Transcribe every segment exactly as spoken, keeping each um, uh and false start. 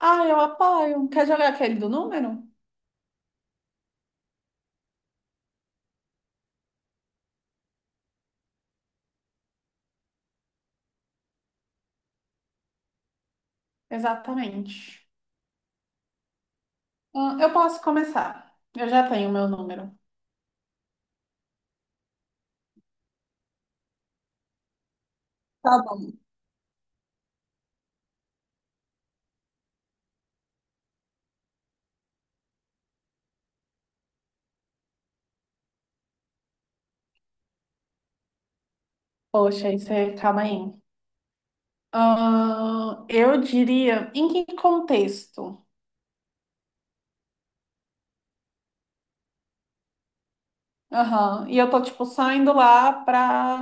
Ah, eu apoio. Quer jogar aquele do número? Exatamente. Ah, eu posso começar. Eu já tenho o meu número. Tá bom. Poxa, isso é. Calma aí. Ah, eu diria. Em que contexto? Aham. E eu tô, tipo, saindo lá pra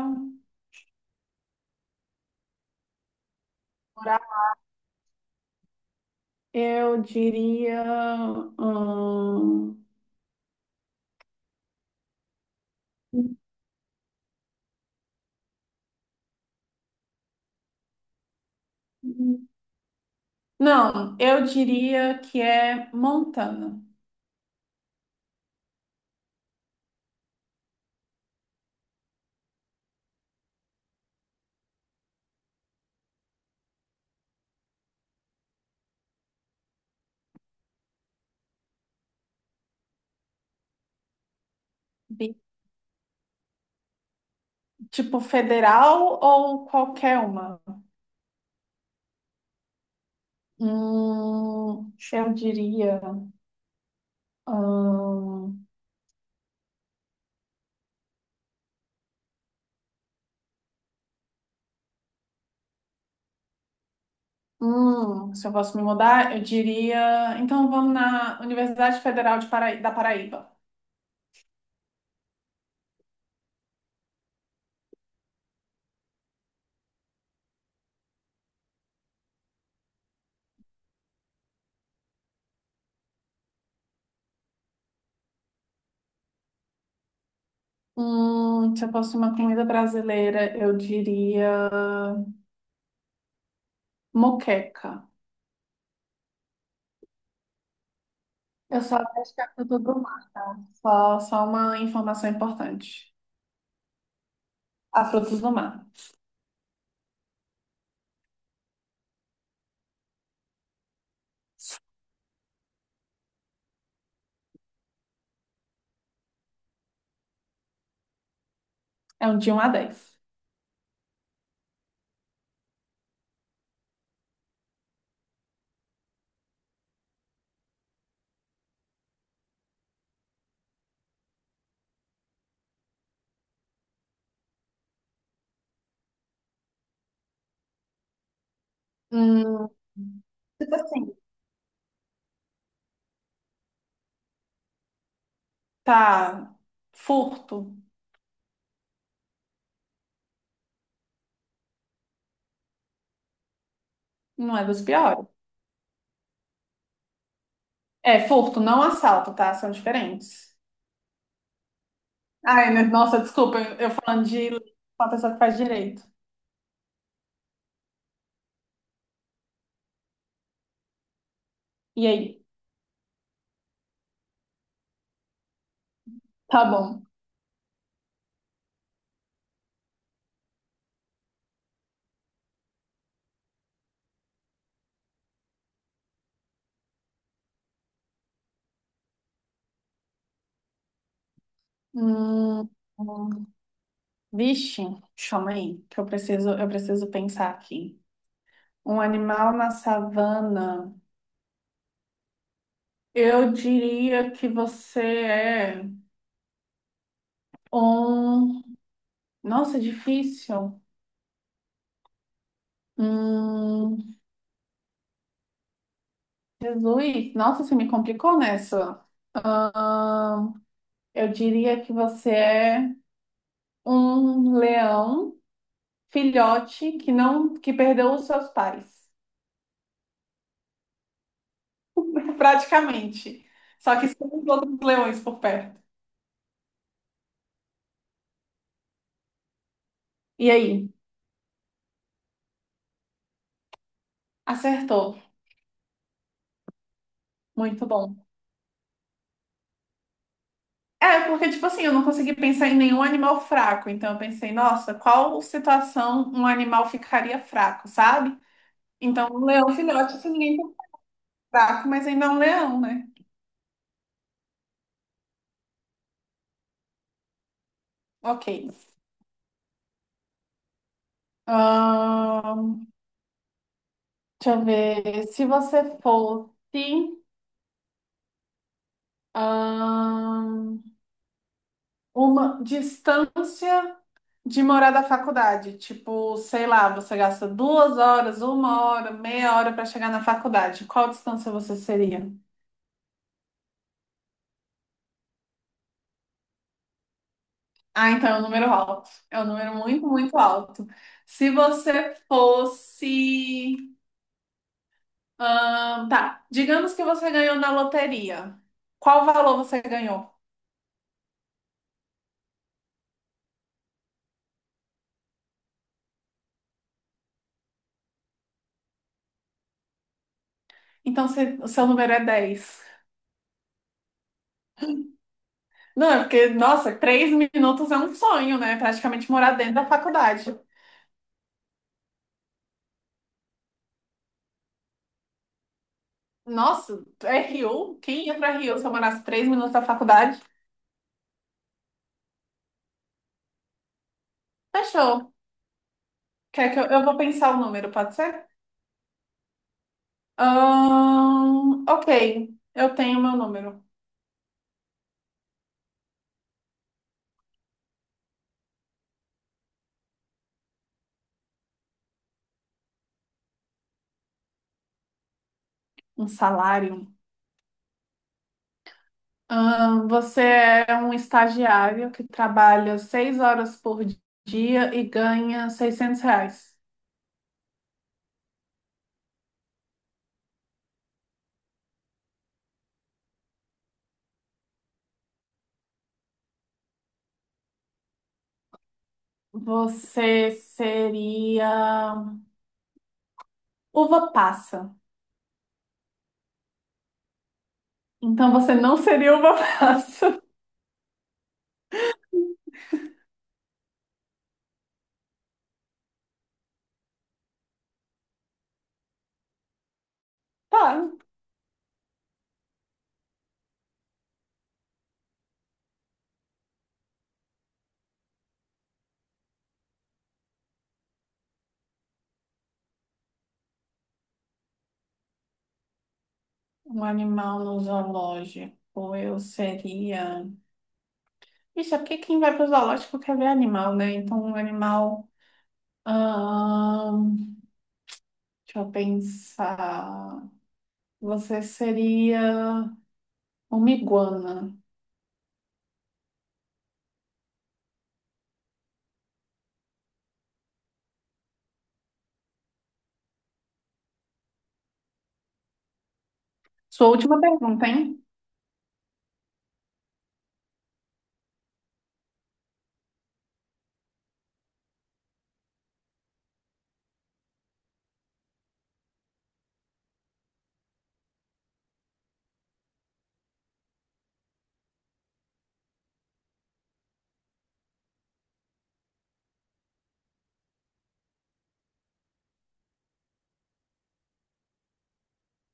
morar. Eu diria. hum, Não, eu diria que é Montana. Bi- Tipo, federal ou qualquer uma? Hum, eu diria. Hum, hum, Se eu fosse me mudar, eu diria. Então vamos na Universidade Federal de Paraí- da Paraíba. Hum, se eu fosse uma comida brasileira, eu diria moqueca. Eu só acho que é fruta do mar. Só, só uma informação importante. A fruta do mar. É um de um a dez. Hum, tipo assim, tá. Furto. Não é dos piores. É, furto, não assalto, tá? São diferentes. Ai, né? Nossa, desculpa, eu eu falando de uma pessoa que faz direito. E aí? Tá bom. Hum, hum. Vixe, chama aí, que eu preciso, eu preciso pensar aqui. Um animal na savana. Eu diria que você é um. Nossa, difícil. Hum, Jesus, nossa, você me complicou nessa. Ahn, eu diria que você é um leão filhote que não que perdeu os seus pais, praticamente. Só que sem os outros leões por perto. E aí? Acertou. Muito bom. É, porque, tipo assim, eu não consegui pensar em nenhum animal fraco. Então, eu pensei, nossa, qual situação um animal ficaria fraco, sabe? Então, um leão filhote, se ninguém for fraco, mas ainda é um leão, né? Ok. Ahn, Deixa eu ver. Se você fosse ahn, uma distância de morar da faculdade. Tipo, sei lá, você gasta duas horas, uma hora, meia hora para chegar na faculdade. Qual distância você seria? Ah, então é um número alto. É um número muito, muito alto. Se você fosse ahn, tá. Digamos que você ganhou na loteria. Qual valor você ganhou? Então, se- o seu número é dez. Não, é porque, nossa, três minutos é um sonho, né? Praticamente morar dentro da faculdade. Nossa, é Rio? Quem ia pra Rio se eu morasse três minutos da faculdade? Fechou. Quer que eu, eu vou pensar o número, pode ser? Ahn, ok, eu tenho meu número. Um salário. Ahn, você é um estagiário que trabalha seis horas por dia e ganha seiscentos reais. Você seria uva passa. Então você não seria uva passa. Tá, um animal no zoológico, eu seria. Ixi, é porque quem vai para o zoológico quer ver animal, né? Então, um animal. ahn, Deixa eu pensar. Você seria uma iguana. Sua última pergunta, hein?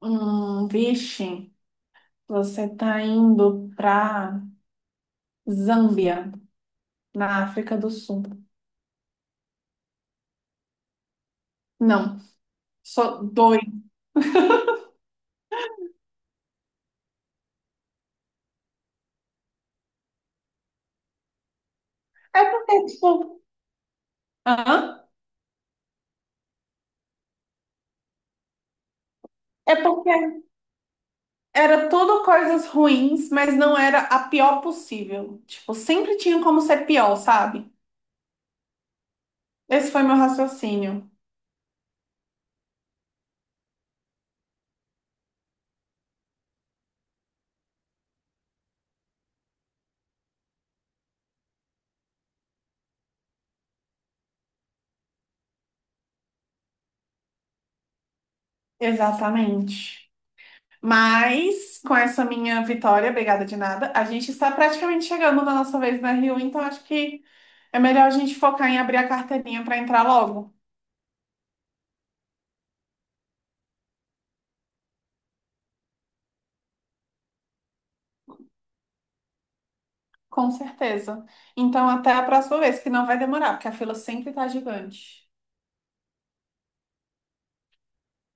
Hum, vixe, você tá indo pra Zâmbia, na África do Sul. Não, sou doida. É porque, tipo, hã? É porque era tudo coisas ruins, mas não era a pior possível. Tipo, sempre tinha como ser pior, sabe? Esse foi meu raciocínio. Exatamente. Mas, com essa minha vitória, obrigada de nada, a gente está praticamente chegando na nossa vez na Rio, então acho que é melhor a gente focar em abrir a carteirinha para entrar logo. Com certeza. Então, até a próxima vez, que não vai demorar, porque a fila sempre tá gigante.